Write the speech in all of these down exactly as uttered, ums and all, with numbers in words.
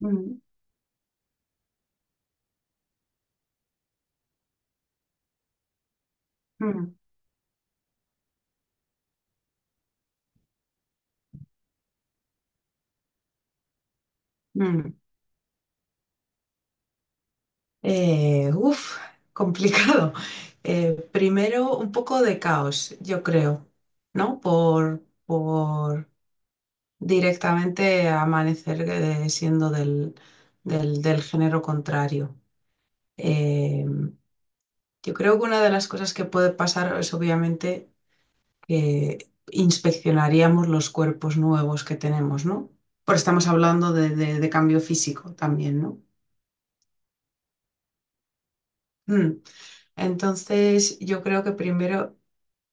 Mm, mm, mm. Eh, uf, complicado. Eh, primero, un poco de caos, yo creo, ¿no? Por, por directamente amanecer eh, siendo del, del, del género contrario. Eh, yo creo que una de las cosas que puede pasar es obviamente que inspeccionaríamos los cuerpos nuevos que tenemos, ¿no? Porque estamos hablando de, de- de cambio físico también, ¿no? Mm. Entonces, yo creo que primero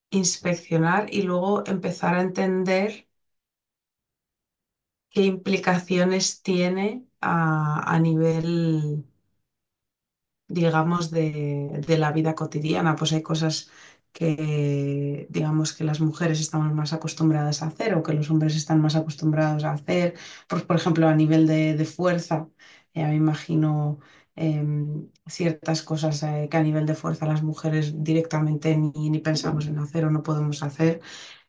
inspeccionar y luego empezar a entender qué implicaciones tiene a, a nivel, digamos, de, de la vida cotidiana. Pues hay cosas que, digamos, que las mujeres estamos más acostumbradas a hacer o que los hombres están más acostumbrados a hacer. Pues, por ejemplo, a nivel de, de fuerza, ya me imagino em, ciertas cosas eh, que a nivel de fuerza las mujeres directamente ni, ni pensamos en hacer o no podemos hacer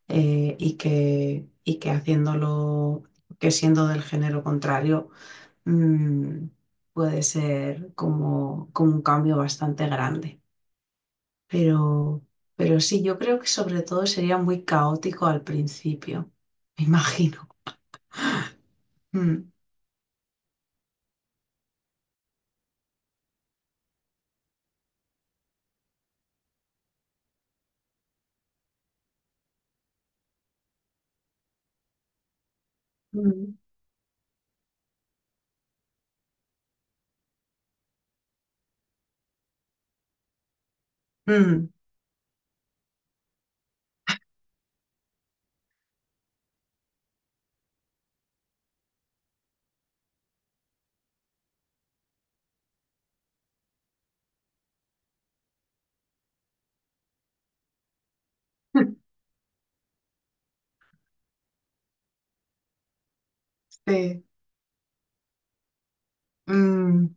eh, y que, y que haciéndolo, que siendo del género contrario mm, puede ser como, como un cambio bastante grande. Pero, pero sí, yo creo que sobre todo sería muy caótico al principio, me imagino. Mm, mm, mm. Sí, mm,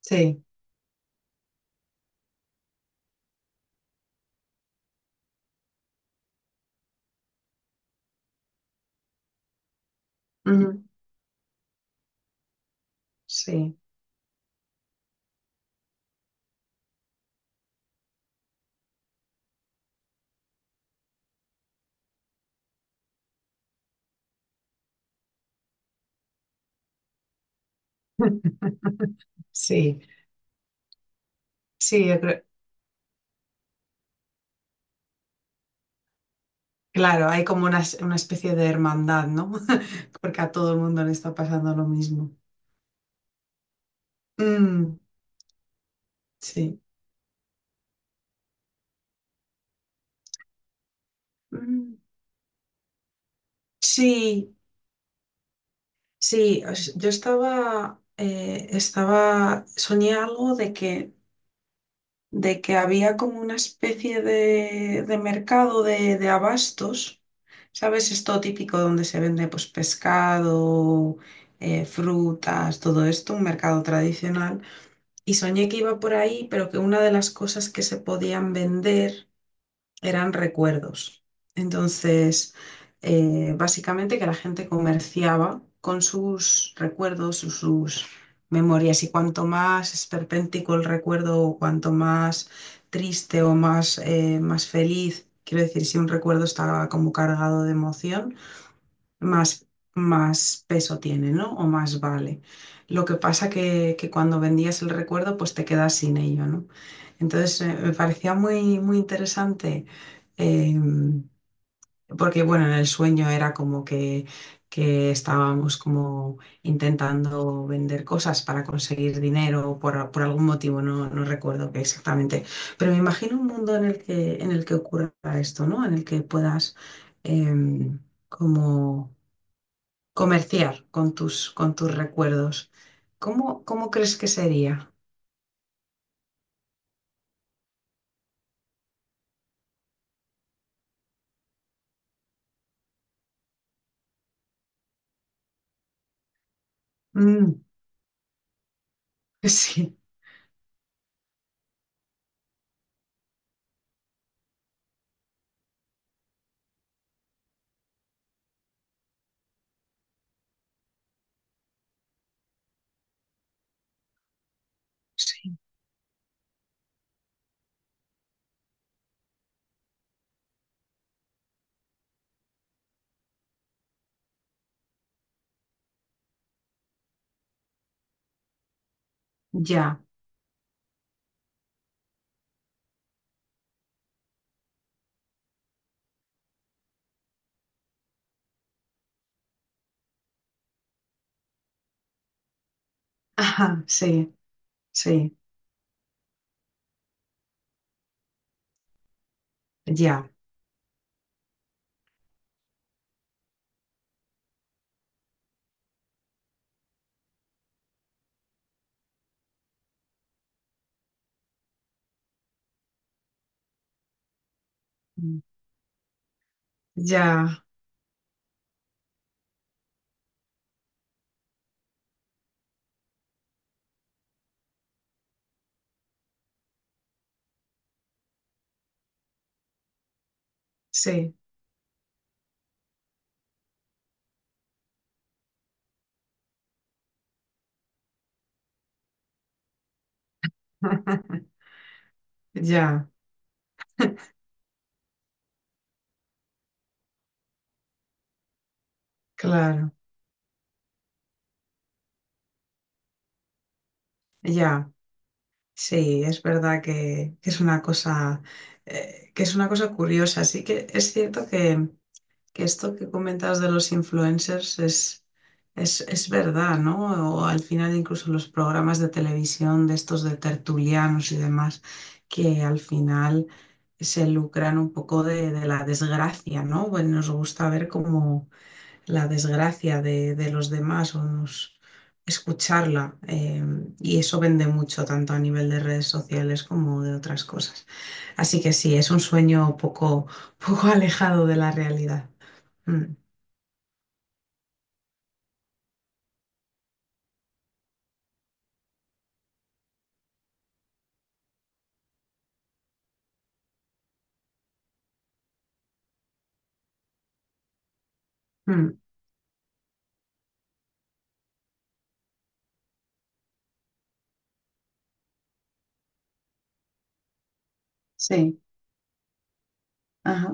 sí, mm, sí, sí, sí, yo creo- claro, hay como una, es- una especie de hermandad, ¿no? Porque a todo el mundo le está pasando lo mismo. Mm, sí, mm, sí. Sí, os- yo estaba, eh, estaba, soñé algo de que, de que había como una especie de, de mercado de, de abastos, ¿sabes? Esto típico donde se vende pues pescado, eh, frutas, todo esto, un mercado tradicional. Y soñé que iba por ahí, pero que una de las cosas que se podían vender eran recuerdos. Entonces, eh, básicamente que la gente comerciaba con sus recuerdos, sus, sus memorias, y cuanto más esperpéntico el recuerdo, o cuanto más triste o más, eh, más feliz, quiero decir, si un recuerdo está como cargado de emoción, más, más peso tiene, ¿no? O más vale. Lo que pasa que, que cuando vendías el recuerdo, pues te quedas sin ello, ¿no? Entonces, eh, me parecía muy, muy interesante, eh, porque, bueno, en el sueño era como que, que estábamos como intentando vender cosas para conseguir dinero por, por algún motivo, no, no recuerdo qué exactamente. Pero me imagino un mundo en el que, en el que ocurra esto, ¿no? En el que puedas em, como comerciar con tus, con tus recuerdos. ¿Cómo, cómo crees que sería? Mm, sí, sí, ya. Ajá, sí, sí, ya. Mm, ya, sí. Ya, claro, ya. Sí, es verdad que, que es una cosa, eh, que es una cosa curiosa. Sí que es cierto que que esto que comentas de los influencers es, es, es verdad, ¿no? O al final incluso los programas de televisión de estos de tertulianos y demás, que al final se lucran un poco de, de la desgracia, ¿no? Bueno, nos gusta ver cómo la desgracia de, de los demás o nos- escucharla. eh, y eso vende mucho, tanto a nivel de redes sociales como de otras cosas. Así que sí, es un sueño poco, poco alejado de la realidad. Mm, mm. Sí, ajá,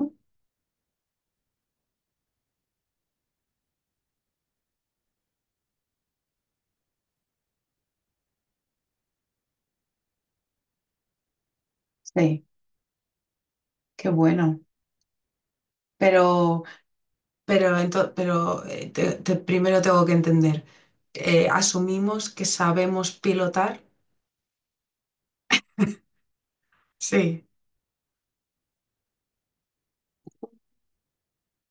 sí, qué bueno. Pero, pero, ento- pero eh, te- te- primero tengo que entender, eh, ¿asumimos que sabemos pilotar? Sí.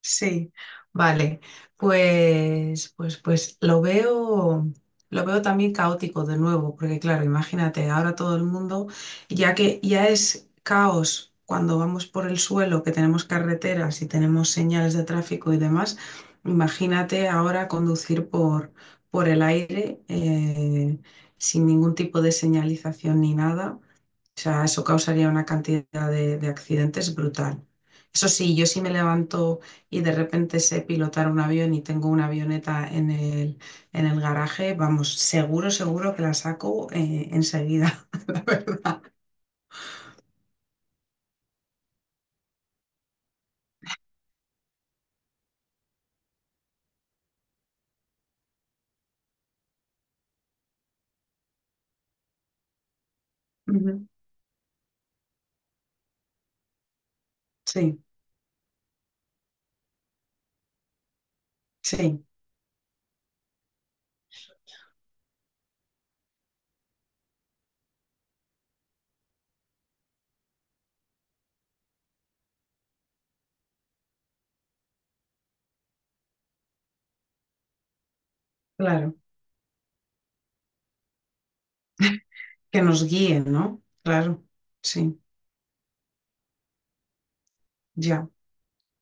Sí, vale. Pues, pues, pues lo veo, lo veo también caótico de nuevo, porque claro, imagínate, ahora todo el mundo, ya que ya es caos cuando vamos por el suelo, que tenemos carreteras y tenemos señales de tráfico y demás, imagínate ahora conducir por, por el aire eh, sin ningún tipo de señalización ni nada. O sea, eso causaría una cantidad de, de accidentes brutal. Eso sí, yo sí me levanto y de repente sé pilotar un avión y tengo una avioneta en el, en el garaje, vamos, seguro, seguro que la saco eh, enseguida. Ujú. Sí, sí, claro. Que nos guíen, ¿no? Claro, sí, ya.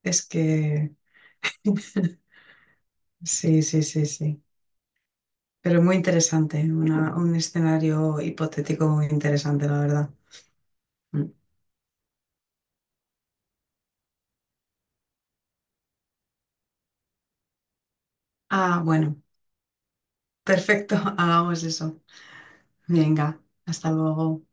Es que sí, sí, sí, sí. Pero muy interesante, una- un escenario hipotético muy interesante, la verdad. Mm. Ah, bueno, perfecto, hagamos eso. Venga, hasta luego.